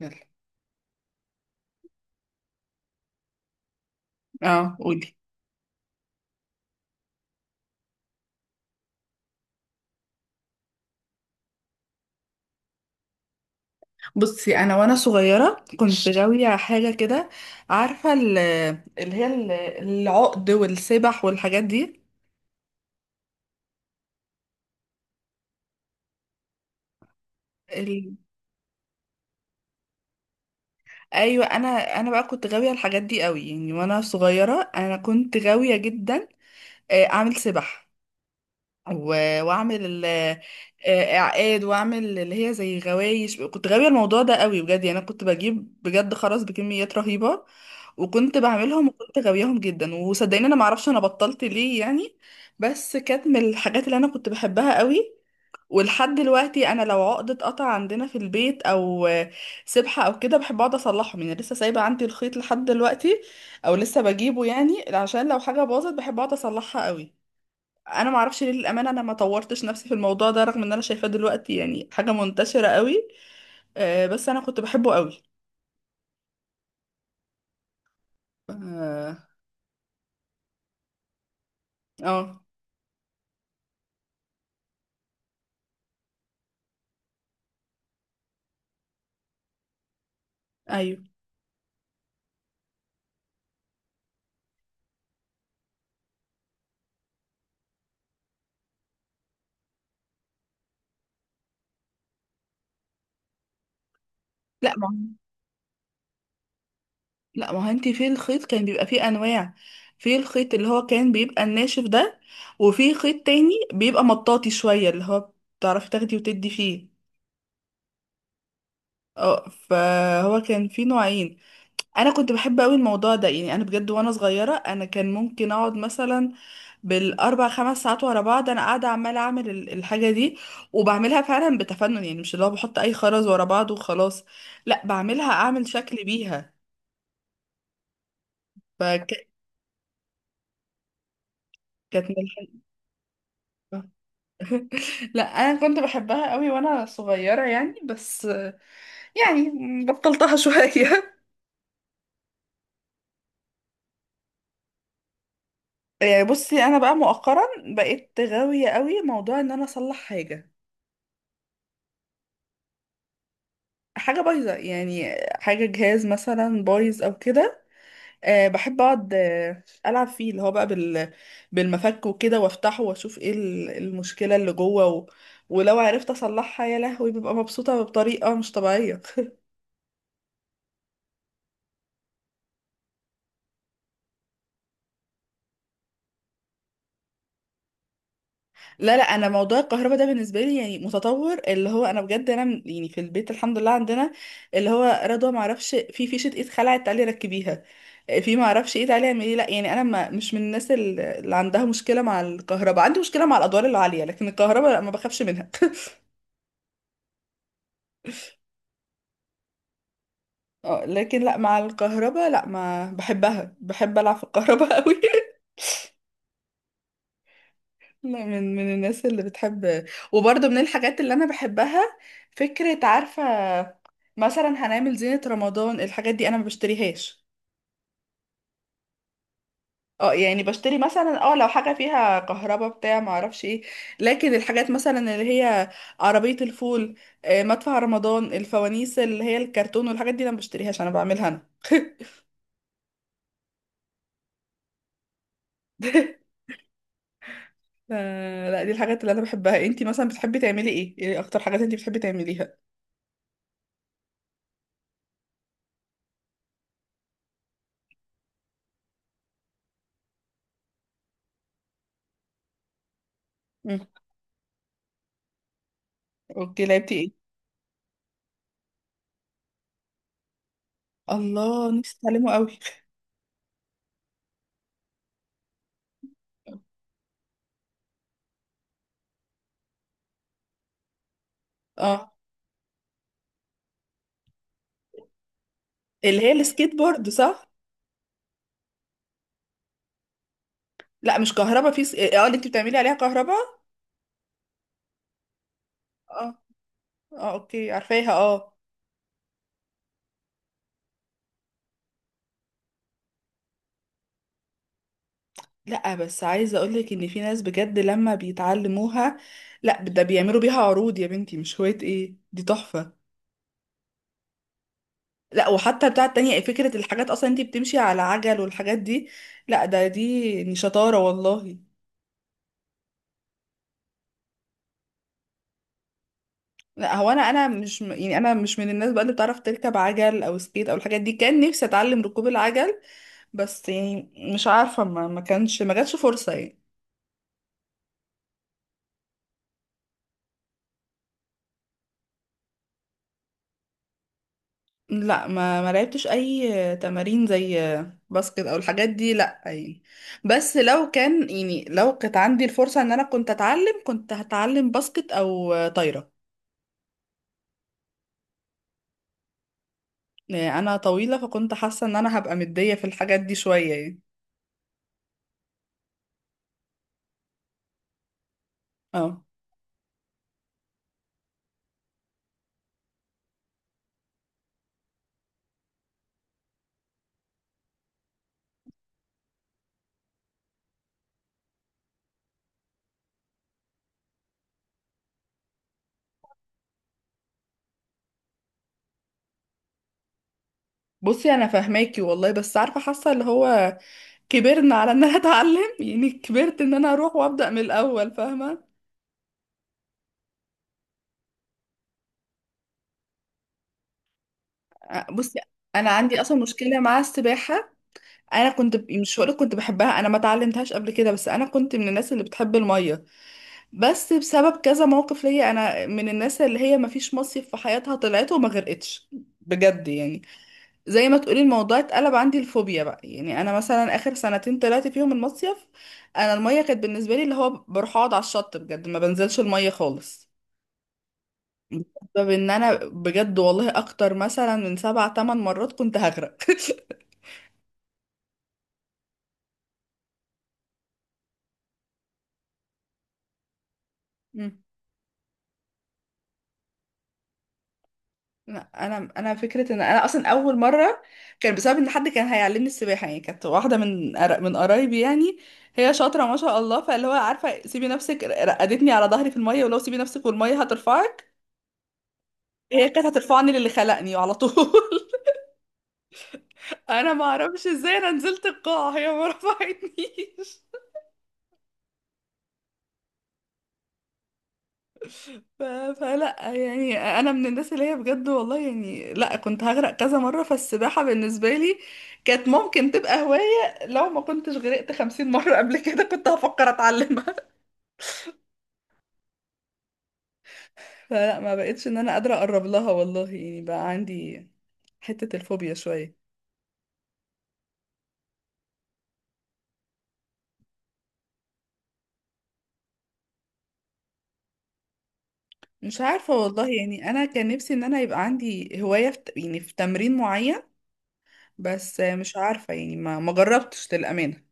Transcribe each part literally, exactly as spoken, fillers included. يلا، اه قولي. بصي انا وانا صغيره كنت غاويه حاجه كده، عارفه ال- اللي هي ال- العقد والسبح والحاجات دي ال... ايوه. انا انا بقى كنت غاويه الحاجات دي قوي، يعني وانا صغيره انا كنت غاويه جدا. آه، اعمل سبح و- واعمل ال- آه، اعقاد واعمل اللي هي زي غوايش. كنت غاويه الموضوع ده قوي بجد، يعني انا كنت بجيب بجد خرز بكميات رهيبه. وكنت بعملهم وكنت غاوياهم جدا وصدقيني انا ما اعرفش انا بطلت ليه يعني. بس كانت من الحاجات اللي انا كنت بحبها قوي. ولحد دلوقتي انا لو عقدة قطع عندنا في البيت او آه، سبحة او كده بحب اقعد اصلحهم، يعني لسه سايبه عندي الخيط لحد دلوقتي او لسه بجيبه يعني عشان لو حاجه باظت بحب اقعد اصلحها قوي. انا ما اعرفش ليه للامانه، انا ما طورتش نفسي في الموضوع ده رغم ان انا شايفاه دلوقتي يعني حاجه منتشره قوي. آه، بس انا كنت بحبه قوي. اه. آه. ايوه. لا ما هو- لا ما هو انت في الخيط كان بيبقى فيه انواع. في الخيط اللي هو كان بيبقى الناشف ده، وفي خيط تاني بيبقى مطاطي شويه اللي هو بتعرفي تاخدي وتدي فيه. اه فهو كان في نوعين. انا كنت بحب قوي الموضوع ده، يعني انا بجد وانا صغيره انا كان ممكن اقعد مثلا بالاربع خمس ساعات ورا بعض انا قاعده عماله اعمل ال- الحاجه دي وبعملها فعلا بتفنن، يعني مش اللي هو بحط اي خرز ورا بعض وخلاص. لا بعملها اعمل شكل بيها. فكانت من الحاجة. لا انا كنت بحبها قوي وانا صغيره يعني. بس يعني بطلتها شويه. يعني بصي انا بقى مؤخرا بقيت غاويه قوي موضوع ان انا اصلح حاجه. حاجة بايظة، يعني حاجة جهاز مثلا بايظ أو كده. أه بحب أقعد آه، ألعب فيه اللي هو بقى بال... بالمفك وكده وأفتحه وأشوف إيه ال- المشكلة اللي جوه و... ولو عرفت أصلحها يا لهوي ببقى مبسوطة بطريقة مش طبيعية. لا لا، انا موضوع الكهرباء ده بالنسبه لي يعني متطور. اللي هو انا بجد انا م- يعني في البيت الحمد لله عندنا اللي هو رضوى ما اعرفش في فيشه ايد خلعت تعالي ركبيها. آه، في ما اعرفش ايه تعالي اعملي لا، يعني انا ما مش من الناس ال- اللي عندها مشكله مع الكهرباء. عندي مشكله مع الادوار العاليه لكن الكهرباء لا ما بخافش منها. آه، لكن لا مع الكهرباء لا ما بحبها، بحب العب في الكهرباء قوي. لا، من من الناس اللي بتحب. وبرضه من الحاجات اللي انا بحبها، فكرة عارفة، مثلا هنعمل زينة رمضان الحاجات دي انا ما بشتريهاش. اه يعني بشتري مثلا اه لو حاجة فيها كهربا بتاع ما اعرفش ايه. لكن الحاجات مثلا اللي هي عربية الفول، آه، مدفع رمضان، الفوانيس اللي هي الكرتون والحاجات دي انا ما بشتريهاش، انا بعملها انا. ف- لا دي الحاجات اللي انا بحبها. انتي مثلا بتحبي تعملي ايه؟ ايه اكتر حاجات انتي بتحبي تعمليها؟ مم. اوكي، لعبتي ايه؟ الله نفسي اتعلمه قوي. اه اللي هي السكيت بورد صح. لا مش كهربا في س... اه اللي انت بتعملي عليها كهربا. اه. اه اوكي عارفاها اه. لا بس عايزه اقولك ان في ناس بجد لما بيتعلموها، لا ده بيعملوا بيها عروض يا بنتي، مش هوايه، ايه دي تحفه. لا، وحتى بتاعه التانية فكره الحاجات اصلا انت بتمشي على عجل والحاجات دي. لا ده دي يعني شطاره والله. لا هو انا انا مش يعني انا مش من الناس بقى اللي بتعرف تركب عجل او سكيت او الحاجات دي. كان نفسي اتعلم ركوب العجل بس يعني مش عارفة، ما ما كانش ما جاتش فرصة يعني. لا ما ما لعبتش اي تمارين زي باسكت او الحاجات دي، لا يعني. بس لو كان، يعني لو كانت عندي الفرصة ان انا كنت اتعلم كنت هتعلم باسكت او طايرة. يعني انا طويلة فكنت حاسة ان انا هبقى مدية في الحاجات دي شوية يعني. اه بصي انا فاهماكي والله بس عارفة حاسة اللي هو كبرنا على ان انا اتعلم، يعني كبرت ان انا اروح وابدأ من الاول فاهمة. آه، بصي انا عندي اصلا مشكلة مع السباحة. انا كنت ب... مش هقولك كنت بحبها، انا ما اتعلمتهاش قبل كده بس انا كنت من الناس اللي بتحب الميه. بس بسبب كذا موقف ليا، انا من الناس اللي هي ما فيش مصيف في حياتها طلعت وما غرقتش بجد يعني. زي ما تقولي الموضوع اتقلب عندي الفوبيا بقى، يعني انا مثلا اخر سنتين طلعت فيهم المصيف، انا الميه كانت بالنسبه لي اللي هو بروح اقعد على الشط بجد ما بنزلش الميه خالص. بسبب ان انا بجد والله اكتر مثلا من سبع تمن مرات كنت هغرق. لا، انا انا فكره ان انا اصلا اول مره كان بسبب ان حد كان هيعلمني السباحه، يعني كانت واحده من قر- من قرايبي. يعني هي شاطره ما شاء الله، فاللي هو عارفه سيبي نفسك، رقدتني على ظهري في الميه ولو سيبي نفسك والميه هترفعك. هي كانت هترفعني للي خلقني على طول. انا ما اعرفش ازاي انا نزلت القاع هي ما رفعتنيش. ف... فلا يعني انا من الناس اللي هي بجد والله يعني لا كنت هغرق كذا مرة. فالسباحة بالنسبة لي كانت ممكن تبقى هواية لو ما كنتش غرقت خمسين مرة قبل كده، كنت هفكر اتعلمها. فلا ما بقتش ان انا قادرة اقرب لها والله، يعني بقى عندي حتة الفوبيا شوية. مش عارفة والله، يعني انا كان نفسي ان انا يبقى عندي هواية في... يعني في تمرين معين بس مش عارفة، يعني ما ما جربتش للأمانة.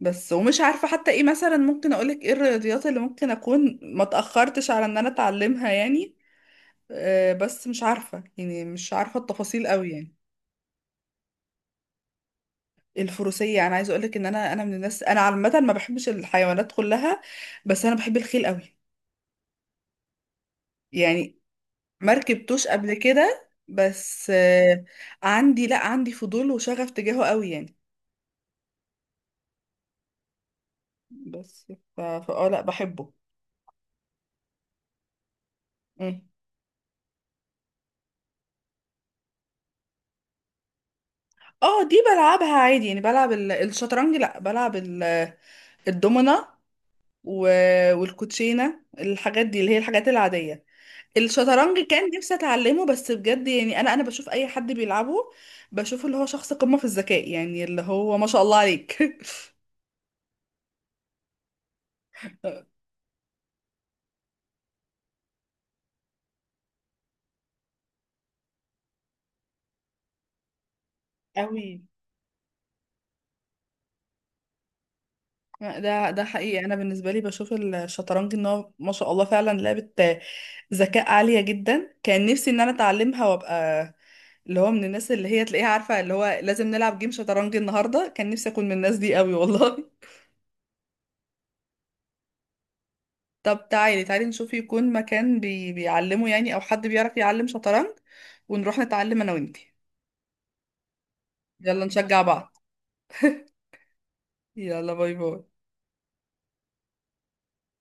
بس ومش عارفة حتى ايه مثلا، ممكن اقولك ايه الرياضيات اللي ممكن اكون ما تأخرتش على ان انا اتعلمها يعني. آه، بس مش عارفة، يعني مش عارفة التفاصيل قوي يعني. الفروسية انا عايزة اقولك ان انا انا من الناس، انا عامة ما بحبش الحيوانات كلها بس انا بحب الخيل قوي. يعني ما ركبتوش قبل كده بس آه، عندي، لا عندي فضول وشغف تجاهه قوي يعني. بس ف فا اه لا بحبه. مم. اه دي بلعبها عادي، يعني بلعب ال- الشطرنج لا بلعب الدومنة و- والكوتشينة الحاجات دي اللي هي الحاجات العادية. الشطرنج كان نفسي اتعلمه بس بجد، يعني انا انا بشوف اي حد بيلعبه بشوف اللي هو شخص قمة في الذكاء يعني اللي هو ما شاء الله عليك قوي. ده ده حقيقي انا بالنسبه لي بشوف الشطرنج ان هو ما شاء الله فعلا لعبه ذكاء عاليه جدا. كان نفسي ان انا اتعلمها وابقى اللي هو من الناس اللي هي تلاقيها عارفه اللي هو لازم نلعب جيم شطرنج النهارده. كان نفسي اكون من الناس دي قوي والله. طب تعالي تعالي نشوف يكون مكان بي... بيعلمه يعني او حد بيعرف يعلم شطرنج ونروح نتعلم انا وانتي. يلا نشجع بعض. يلا، باي باي.